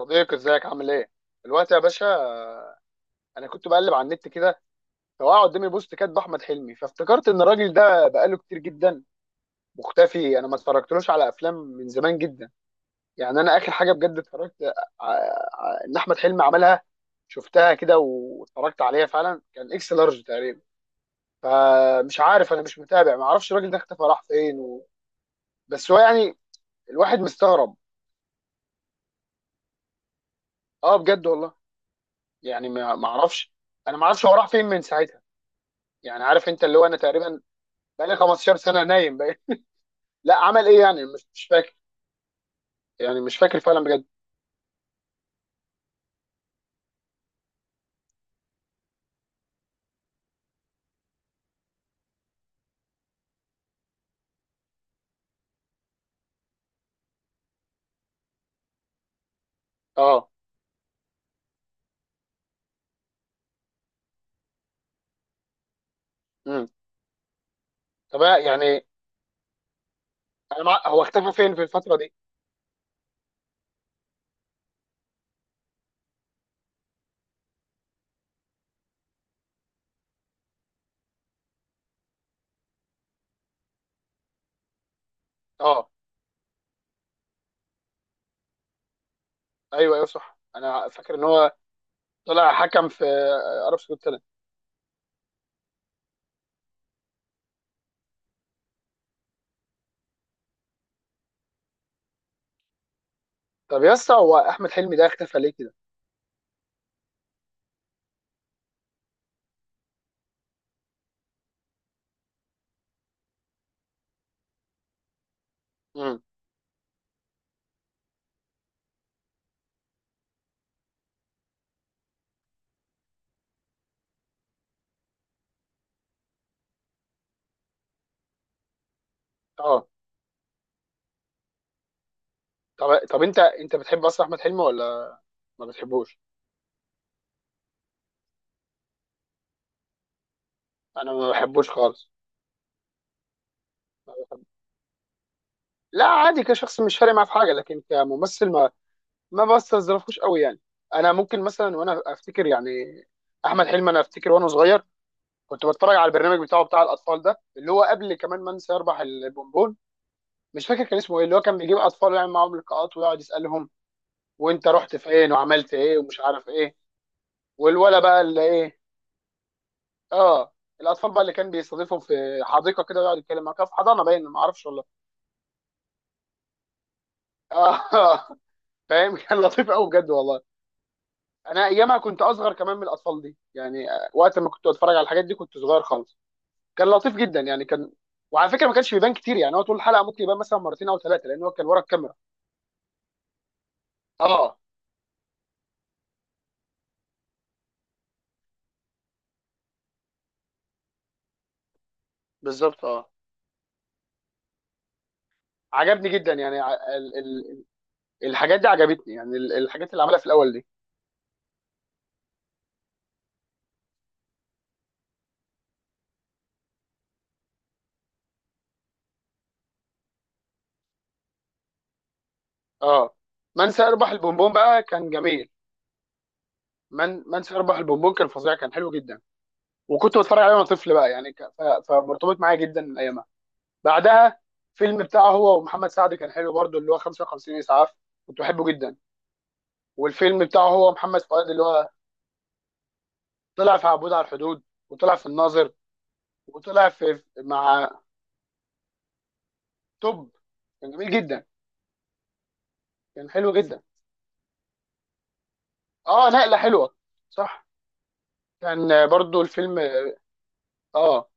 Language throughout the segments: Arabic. صديقي ازيك عامل ايه؟ دلوقتي يا باشا، انا كنت بقلب على النت كده، فوقع قدامي بوست كاتب احمد حلمي، فافتكرت ان الراجل ده بقاله كتير جدا مختفي. انا ما اتفرجتلوش على افلام من زمان جدا. يعني انا اخر حاجه بجد اتفرجت ان احمد حلمي عملها، شفتها كده واتفرجت عليها فعلا، كان اكس لارج تقريبا. فمش عارف، انا مش متابع، ما اعرفش الراجل ده اختفى راح فين بس هو يعني الواحد مستغرب. اه بجد والله. يعني ما اعرفش. انا ما اعرفش هو راح فين من ساعتها. يعني عارف انت اللي هو انا تقريبا بقالي 15 سنه نايم بقى. لا عمل ايه؟ يعني مش فاكر. يعني مش فاكر فعلا بجد. اه. امم. يعني هو اختفى فين في الفتره دي؟ اه. ايوه صح، انا فاكر ان هو طلع حكم في عرب سعود سنه. طب يا اسطى، هو احمد حلمي ده اختفى ليه كده؟ امم. اه. طب انت بتحب اصلا احمد حلمي ولا ما بتحبوش؟ انا ما بحبوش خالص. لا عادي، كشخص مش فارق معاه في حاجه، لكن كممثل ما ما بستظرفوش قوي يعني. انا ممكن مثلا وانا افتكر يعني احمد حلمي، انا افتكر وانا صغير كنت بتفرج على البرنامج بتاعه، بتاع الاطفال ده اللي هو قبل كمان ما انسى يربح البونبون. مش فاكر كان اسمه ايه، اللي هو كان بيجيب اطفال ويعمل معاهم لقاءات ويقعد يسالهم وانت رحت فين وعملت ايه ومش عارف ايه. والولا بقى اللي ايه. اه. الاطفال بقى اللي كان بيستضيفهم في حديقه كده، ويقعد يتكلم معاك في حضانه باين، ما اعرفش والله. اه. فاهم، كان لطيف قوي بجد والله. انا ايامها كنت اصغر كمان من الاطفال دي يعني، وقت ما كنت اتفرج على الحاجات دي كنت صغير خالص. كان لطيف جدا يعني كان. وعلى فكره ما كانش بيبان كتير، يعني هو طول الحلقه ممكن يبان مثلا مرتين او ثلاثه، لان هو كان ورا الكاميرا. اه. بالظبط اه. عجبني جدا يعني ال الحاجات دي عجبتني، يعني الحاجات اللي عملها في الاول دي. اه. من سيربح البونبون بقى كان جميل. من سيربح البونبون كان فظيع، كان حلو جدا. وكنت بتفرج عليه وانا طفل بقى، يعني فمرتبط معايا جدا ايامها. بعدها فيلم بتاعه هو ومحمد سعد كان حلو برضه، اللي هو 55 اسعاف، كنت بحبه جدا. والفيلم بتاعه هو ومحمد فؤاد اللي هو طلع في عبود على الحدود، وطلع في الناظر، وطلع في مع توب. كان جميل جدا. كان حلو جدا. اه نقله حلوه. صح. كان برضه الفيلم. اه.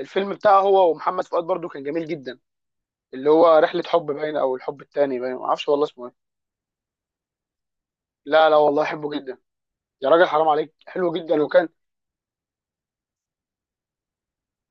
الفيلم بتاعه هو ومحمد فؤاد برضه كان جميل جدا، اللي هو رحله حب باين، او الحب التاني باين، ما اعرفش والله اسمه ايه. لا والله احبه جدا. يا راجل حرام عليك، حلو جدا وكان.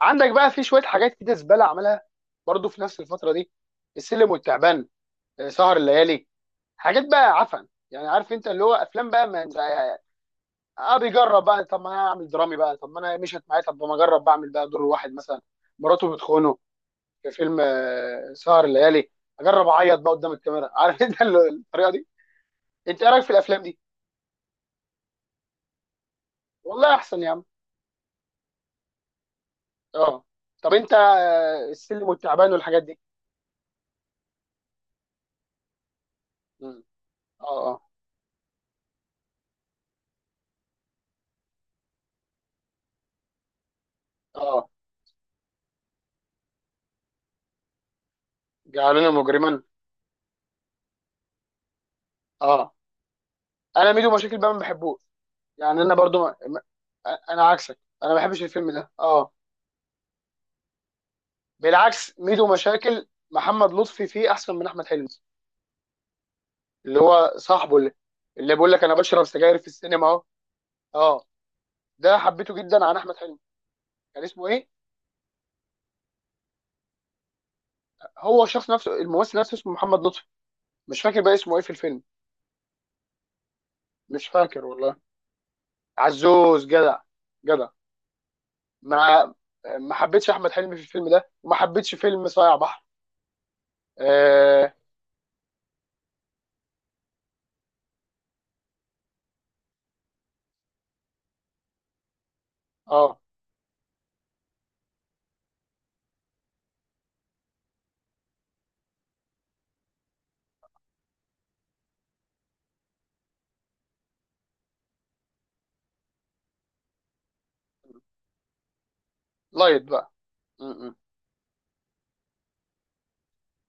عندك بقى في شويه حاجات كده زباله عملها برضو في نفس الفتره دي: السلم والتعبان، سهر الليالي. حاجات بقى عفن يعني، عارف انت اللي هو افلام بقى ما. اه بيجرب بقى، طب ما انا اعمل درامي بقى، طب ما انا مشيت معايا، طب ما اجرب بعمل بقى دور واحد مثلا مراته بتخونه في فيلم سهر الليالي، اجرب اعيط بقى قدام الكاميرا عارف انت الطريقه دي. انت ايه رايك في الافلام دي؟ والله احسن يا عم. اه. طب انت السلم والتعبان والحاجات دي. مم. اه اه اه جعلنا مجرما. اه. انا ميدو مشاكل بقى ما بحبوش. يعني انا برضو انا عكسك، انا ما بحبش الفيلم ده اه. بالعكس، ميدو مشاكل محمد لطفي فيه احسن من احمد حلمي، اللي هو صاحبه اللي، اللي بيقول لك انا بشرب سجاير في السينما اهو. اه ده حبيته جدا عن احمد حلمي. كان اسمه ايه؟ هو الشخص نفسه، الممثل نفسه اسمه محمد لطفي. مش فاكر بقى اسمه ايه في الفيلم. مش فاكر والله. عزوز جدع. جدع. ما ما حبيتش احمد حلمي في الفيلم ده، وما حبيتش فيلم صايع بحر. اه. آه. لايت بقى. م.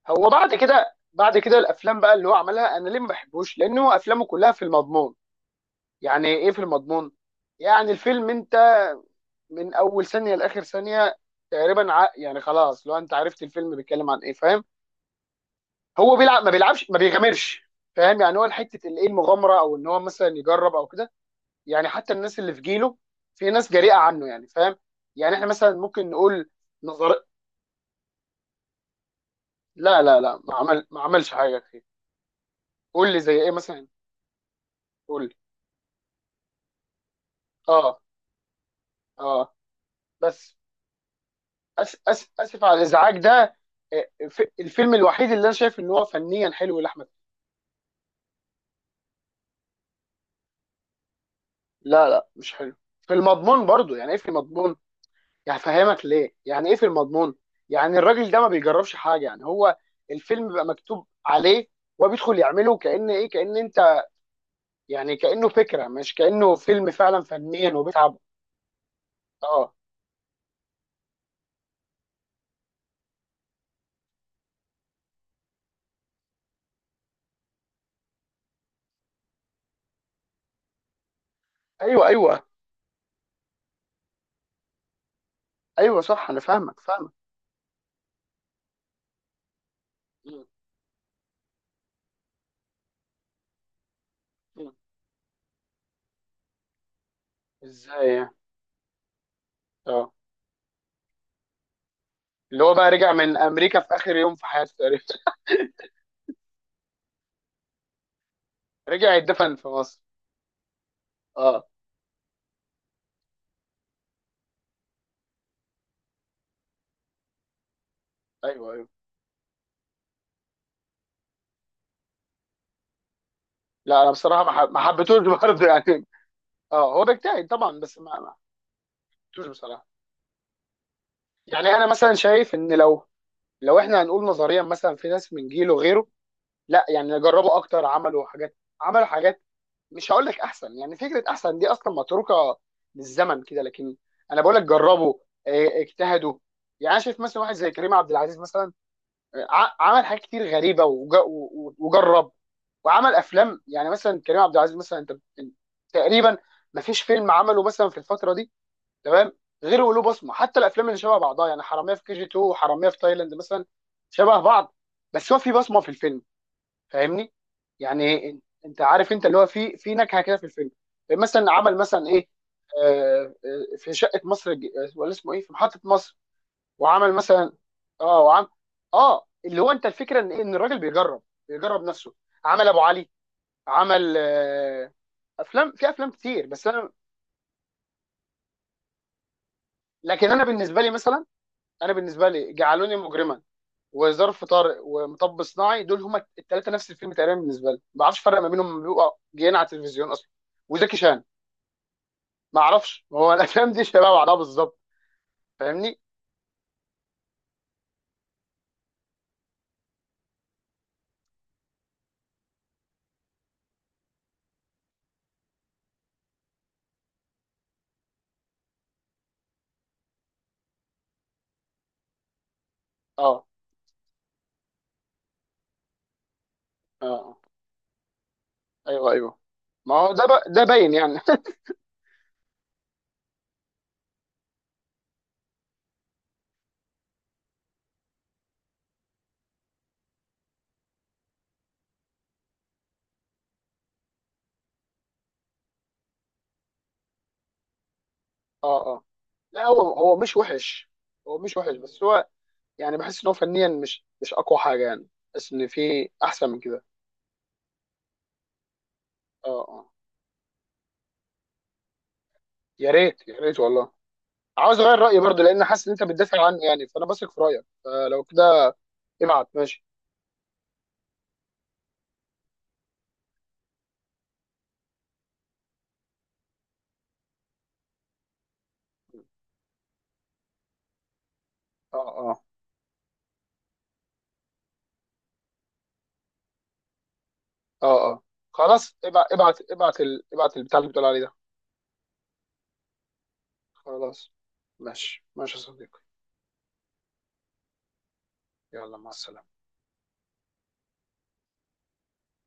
هو بعد كده، بعد كده الافلام بقى اللي هو عملها انا ليه ما بحبوش، لان هو افلامه كلها في المضمون. يعني ايه في المضمون؟ يعني الفيلم انت من اول ثانيه لاخر ثانيه تقريبا, يعني خلاص لو انت عرفت الفيلم بيتكلم عن ايه، فاهم، هو بيلعب، ما بيلعبش، ما بيغامرش. فاهم يعني هو حته الايه، المغامره، او ان هو مثلا يجرب او كده. يعني حتى الناس اللي في جيله، في ناس جريئه عنه يعني، فاهم. يعني احنا مثلا ممكن نقول نظر. لا ما عمل، ما عملش حاجه كتير. قول لي زي ايه مثلا. قول لي. اه اه بس. أس اسف على الازعاج ده، الفيلم الوحيد اللي انا شايف ان هو فنيا حلو لاحمد. لا مش حلو في المضمون برضو. يعني ايه في المضمون؟ يعني فهمك ليه يعني ايه في المضمون. يعني الراجل ده ما بيجربش حاجه، يعني هو الفيلم بيبقى مكتوب عليه وبيدخل يعمله، كأن ايه، كأن انت يعني كأنه فكره، مش كأنه فيلم فعلا فنيا وبيتعب. اه. ايوه ايوه ايوه صح، انا فاهمك فاهمك. م- م. ازاي يعني؟ اه. اللي هو بقى رجع من امريكا في اخر يوم في حياته تقريبا، رجع يتدفن في مصر. اه. ايوه. لا انا بصراحه ما حبيتهوش برضه يعني. اه هو بيجتهد طبعا، بس ما ما حبيتهوش بصراحه. يعني انا مثلا شايف ان لو، لو احنا هنقول نظريا مثلا، في ناس من جيله غيره. لا يعني جربوا اكتر، عملوا حاجات، عملوا حاجات، مش هقول لك احسن، يعني فكره احسن دي اصلا متروكه للزمن كده، لكن انا بقول لك جربوا، اه، اجتهدوا. يعني انا شايف مثلا واحد زي كريم عبد العزيز مثلا، عمل حاجات كتير غريبه وجرب وعمل افلام. يعني مثلا كريم عبد العزيز مثلا، انت أنت تقريبا ما فيش فيلم عمله مثلا في الفتره دي، تمام، غير وله بصمه. حتى الافلام اللي شبه بعضها يعني، حراميه في كي جي 2 وحراميه في تايلاند مثلا، شبه بعض، بس هو في بصمه في الفيلم. فاهمني؟ يعني أن- انت عارف انت اللي هو في في نكهه كده في الفيلم. مثلا عمل مثلا ايه، في ولا اسمه ايه، في محطه مصر. وعمل مثلا. اه وعم اه اللي هو انت الفكره ان ان الراجل بيجرب، بيجرب نفسه. عمل ابو علي، عمل افلام افلام كتير. بس انا، لكن انا بالنسبه لي مثلا، انا بالنسبه لي جعلوني مجرما وظرف طارق ومطب صناعي، دول هما الثلاثه نفس الفيلم تقريبا بالنسبه لي، ما بعرفش الفرق ما بينهم، بيبقى جايين على التلفزيون اصلا. وزكي شان. ما اعرفش هو الافلام دي شبه بعضها بالظبط. فاهمني؟ اه اه. آه. ايوه ايوه. ما هو ده ده باين يعني. اه اه. لا هو، هو مش وحش. هو مش وحش بس هو يعني بحس ان هو فنيا مش مش اقوى حاجه يعني. بحس ان في احسن من كده. اه اه. يا ريت يا ريت والله. عاوز اغير رايي برضه، لان حاسس ان انت بتدافع عنه يعني، فانا بثق في رايك فلو كده ابعت، ماشي. اه اه اه اه. خلاص ابعت ابعت ابعت ابعت البتاع اللي بتقول عليه ده. خلاص. ماشي ماشي يا صديقي. يلا، مع السلامه.